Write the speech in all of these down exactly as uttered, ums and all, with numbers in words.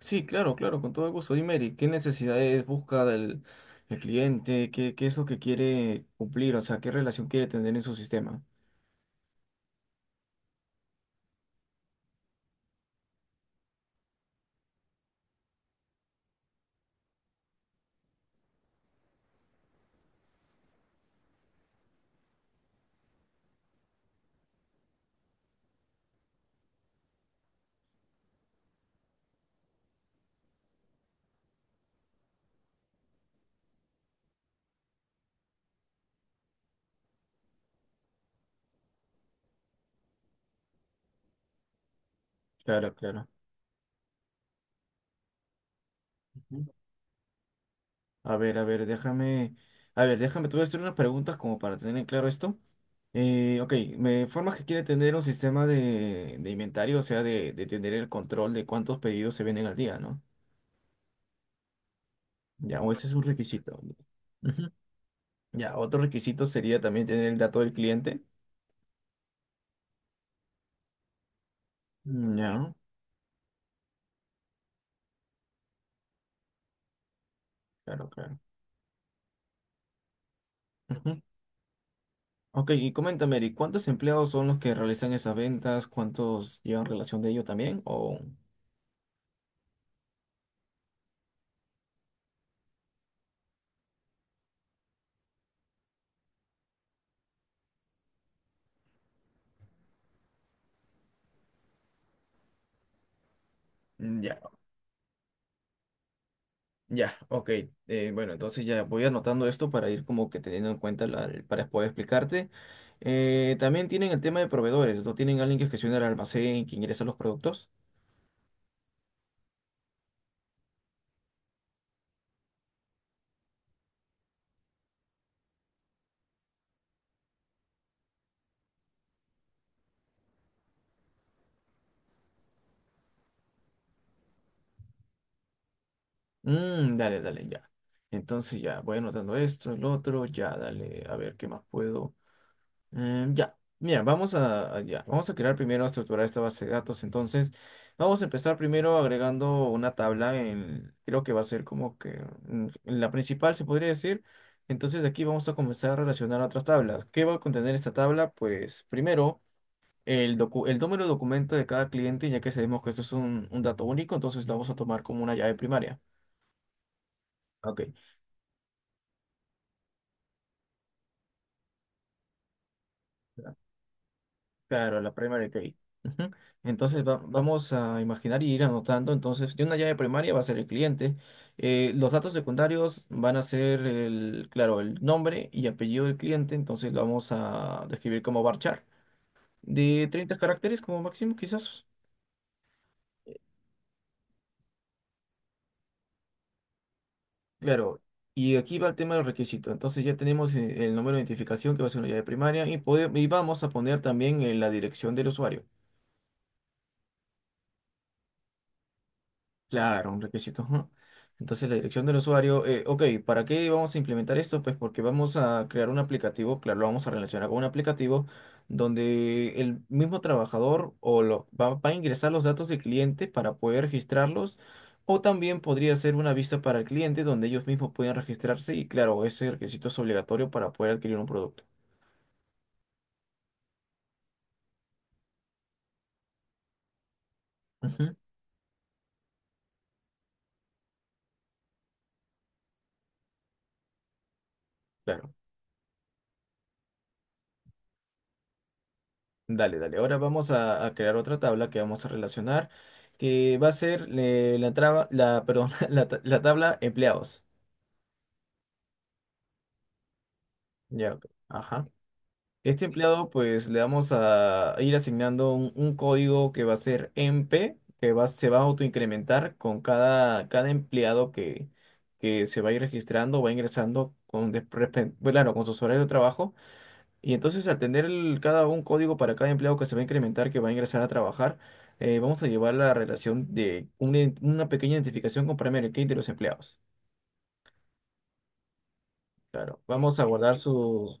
Sí, claro, claro, con todo gusto. Dime, Eric, ¿qué necesidades busca del, el cliente? ¿Qué, qué es lo que quiere cumplir? O sea, ¿qué relación quiere tener en su sistema? Claro, claro. Ujú. A ver, a ver, déjame. A ver, déjame, te voy a hacer unas preguntas como para tener en claro esto. Eh, ok, me informas que quiere tener un sistema de, de inventario, o sea, de, de tener el control de cuántos pedidos se venden al día, ¿no? Ya, o ese es un requisito. Ujú. Ya, otro requisito sería también tener el dato del cliente. Mm, ya, claro, claro. Ok, y coméntame, Eric, ¿cuántos empleados son los que realizan esas ventas? ¿Cuántos llevan relación de ello también? O... Mm, ya, ya, ok. Eh, bueno, entonces ya voy anotando esto para ir como que teniendo en cuenta la- el- para poder explicarte. Eh, también tienen el tema de proveedores, ¿no? Tienen alguien que gestiona el almacén, que ingresa los productos. Mm, dale, dale, ya. Entonces ya, voy anotando esto, el otro, ya, dale, a ver qué más puedo. Eh, ya, mira, vamos a, a- ya, vamos a crear primero, a estructurar esta base de datos. Entonces, vamos a empezar primero agregando una tabla en, creo que va a ser como que mm, la principal, se podría decir. Entonces, de aquí vamos a comenzar a relacionar otras tablas. ¿Qué va a contener esta tabla? Pues primero, el, docu- el número de documento de cada cliente, ya que sabemos que esto es un, un dato único, entonces lo vamos a tomar como una llave primaria. Ok. Claro, la primary key. Ujú. Entonces va- vamos a imaginar y ir anotando. Entonces, de una llave primaria va a ser el cliente. Eh, los datos secundarios van a ser el, claro, el nombre y apellido del cliente. Entonces lo vamos a describir como varchar. De treinta caracteres como máximo, quizás. Eh, Claro. Y aquí va el tema del requisito. Entonces ya tenemos eh, el número de identificación que va a ser una llave primaria y, pode- y vamos a poner también eh, la dirección del usuario. Claro, un requisito. Ujú. Entonces, la dirección del usuario, eh, ok, ¿para qué vamos a implementar esto? Pues porque vamos a crear un aplicativo, claro, lo vamos a relacionar con un aplicativo donde el mismo trabajador o lo, va, va a ingresar los datos del cliente para poder registrarlos, o también podría ser una vista para el cliente donde ellos mismos pueden registrarse y claro, ese requisito es obligatorio para poder adquirir un producto. Ujú, claro. Dale, dale. Ahora vamos a, a crear otra tabla que vamos a relacionar, que va a ser eh, la, traba- la, perdón, la, ta- la tabla empleados. Ya, ok. Ajá. Este empleado, pues le vamos a ir asignando un, un código que va a ser M P, que va, se va a autoincrementar con cada, cada empleado que, que se va a ir registrando, va ingresando con, des- respe- bueno, claro, con sus horarios de trabajo. Y entonces al tener el- cada un código para cada empleado que se va a incrementar, que va a ingresar a trabajar, eh, vamos a llevar la relación de una, ident- una pequeña identificación con Primary Key de los empleados. Claro, vamos a guardar su,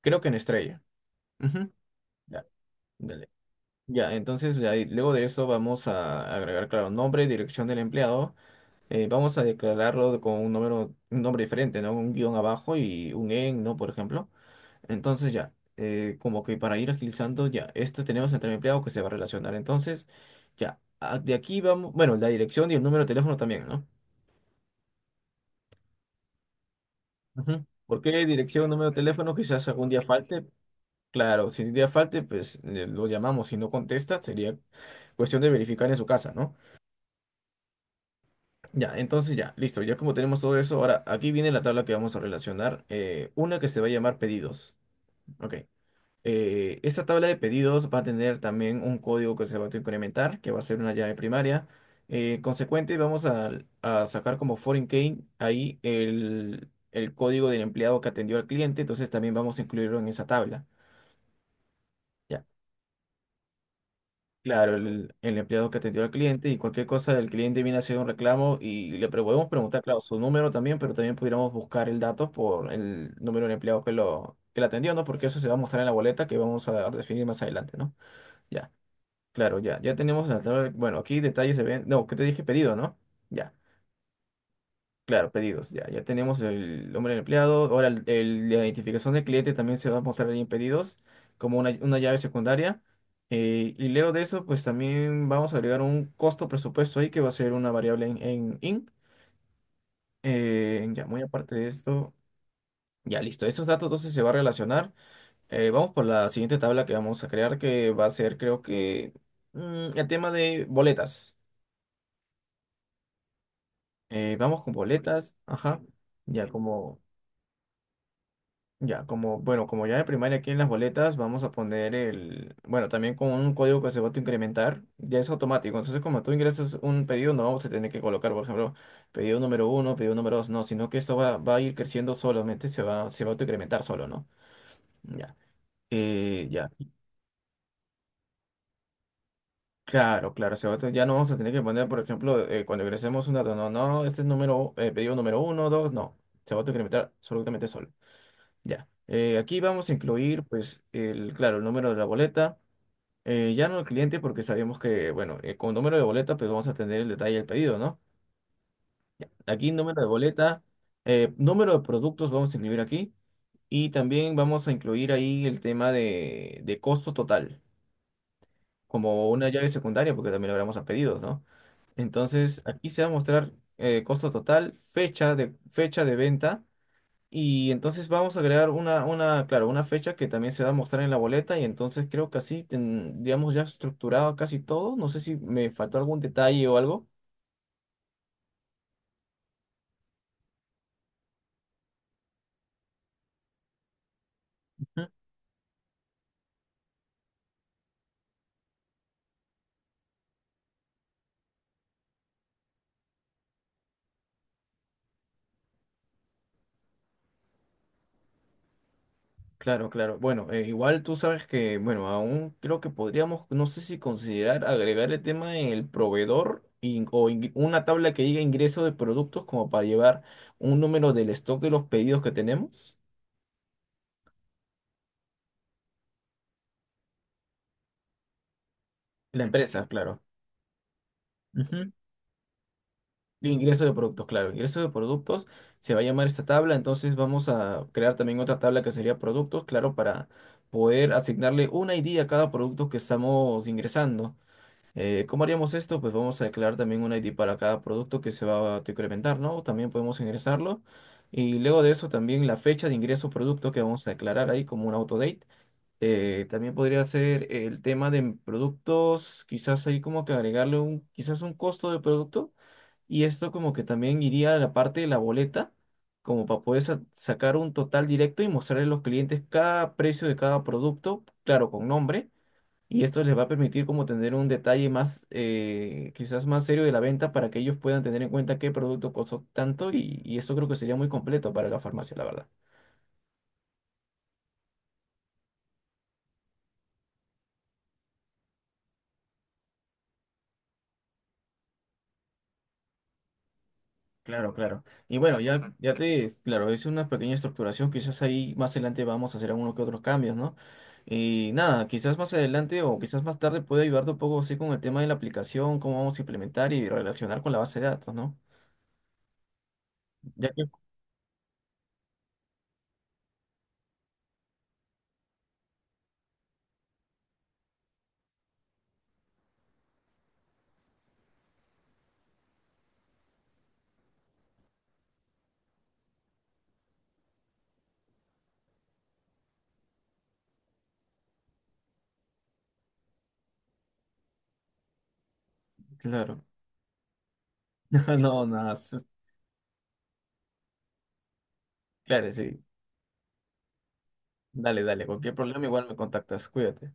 creo que en estrella. Ujú, ya, dale. Ya, entonces de ahí- luego de eso vamos a agregar, claro, nombre, dirección del empleado. Eh, vamos a declararlo con un número, un nombre diferente, ¿no? Un guión abajo y un en, ¿no? Por ejemplo. Entonces ya, eh, como que para ir agilizando, ya, este tenemos entre empleado que se va a relacionar. Entonces, ya, a- de aquí vamos, bueno, la dirección y el número de teléfono también, ¿no? Ujú. ¿Por qué dirección, número de teléfono? Quizás algún día falte. Claro, si un día falte, pues eh, lo llamamos. Si no contesta, sería cuestión de verificar en su casa, ¿no? Ya, entonces ya, listo. Ya como tenemos todo eso, ahora aquí viene la tabla que vamos a relacionar. Eh, una que se va a llamar pedidos. Ok. Eh, esta tabla de pedidos va a tener también un código que se va a incrementar, que va a ser una llave primaria. Eh, consecuente, vamos a, a sacar como foreign key ahí el, el código del empleado que atendió al cliente, entonces también vamos a incluirlo en esa tabla. Ya, claro, el, el empleado que atendió al cliente y cualquier cosa del cliente viene a hacer un reclamo y le pre- podemos preguntar, claro, su número también, pero también pudiéramos buscar el dato por el número del empleado que lo, que lo atendió, ¿no? Porque eso se va a mostrar en la boleta que vamos a definir más adelante, ¿no? Ya. Claro, ya, ya tenemos la tabla. Bueno, aquí detalles se ven. No, que te dije pedido, ¿no? Ya, claro, pedidos. Ya, ya tenemos el nombre del empleado. Ahora, el, el- la identificación del cliente también se va a mostrar ahí en pedidos, como una, una llave secundaria. Eh, y luego de eso, pues también vamos a agregar un costo presupuesto ahí que va a ser una variable en, en I N C. Eh, ya, muy aparte de esto, ya listo. Esos datos entonces se va a relacionar. Eh, vamos por la siguiente tabla que vamos a crear, que va a ser, creo que, mm, el tema de boletas. Eh, vamos con boletas, ajá. Ya como, ya como, bueno, como ya de primaria aquí en las boletas, vamos a poner el, bueno, también con un código que se va a incrementar, ya es automático. Entonces, como tú ingresas un pedido, no vamos a tener que colocar, por ejemplo, pedido número uno, pedido número dos, no, sino que esto va, va a ir creciendo solamente, se va, se va a autoincrementar solo, ¿no? Ya. Eh, ya, claro, claro, se va a te- ya no vamos a tener que poner, por ejemplo, eh, cuando ingresemos un dato, no, no, este es número, eh, pedido número uno, dos, no, se va a autoincrementar absolutamente solo. Ya. Eh, aquí vamos a incluir, pues, el, claro, el número de la boleta. Eh, ya no el cliente, porque sabemos que, bueno, eh, con número de boleta, pues vamos a tener el detalle del pedido, ¿no? Aquí, número de boleta, eh, número de productos vamos a incluir aquí. Y también vamos a incluir ahí el tema de, de costo total, como una llave secundaria, porque también lo hablamos a pedidos, ¿no? Entonces, aquí se va a mostrar eh, costo total, fecha de, fecha de venta. Y entonces vamos a agregar una, una, claro, una fecha que también se va a mostrar en la boleta y entonces creo que así, ten- digamos, ya estructurado casi todo. No sé si me faltó algún detalle o algo. Ujú. Claro, claro. Bueno, eh, igual tú sabes que, bueno, aún creo que podríamos, no sé si considerar agregar el tema del proveedor in- o ingre- una tabla que diga ingreso de productos como para llevar un número del stock de los pedidos que tenemos. La empresa, claro. De ingreso de productos, claro. Ingreso de productos se va a llamar esta tabla. Entonces vamos a crear también otra tabla que sería productos, claro, para poder asignarle un I D a cada producto que estamos ingresando. Eh, ¿cómo haríamos esto? Pues vamos a declarar también un I D para cada producto que se va a incrementar, ¿no? También podemos ingresarlo. Y luego de eso también la fecha de ingreso producto que vamos a declarar ahí como un autodate. Eh, también podría ser el tema de productos, quizás ahí como que agregarle un, quizás un costo de producto. Y esto como que también iría a la parte de la boleta, como para poder sa- sacar un total directo y mostrarle a los clientes cada precio de cada producto, claro, con nombre. Y esto les va a permitir como tener un detalle más, eh, quizás más serio de la venta para que ellos puedan tener en cuenta qué producto costó tanto y, y eso creo que sería muy completo para la farmacia, la verdad. Claro, claro. Y bueno, ya, ya te, claro, es una pequeña estructuración, quizás ahí más adelante vamos a hacer algunos que otros cambios, ¿no? Y nada, quizás más adelante o quizás más tarde puede ayudarte un poco así con el tema de la aplicación, cómo vamos a implementar y relacionar con la base de datos, ¿no? Ya que, claro, no, nada, sus- claro, sí. Dale, dale, cualquier problema igual me contactas, cuídate.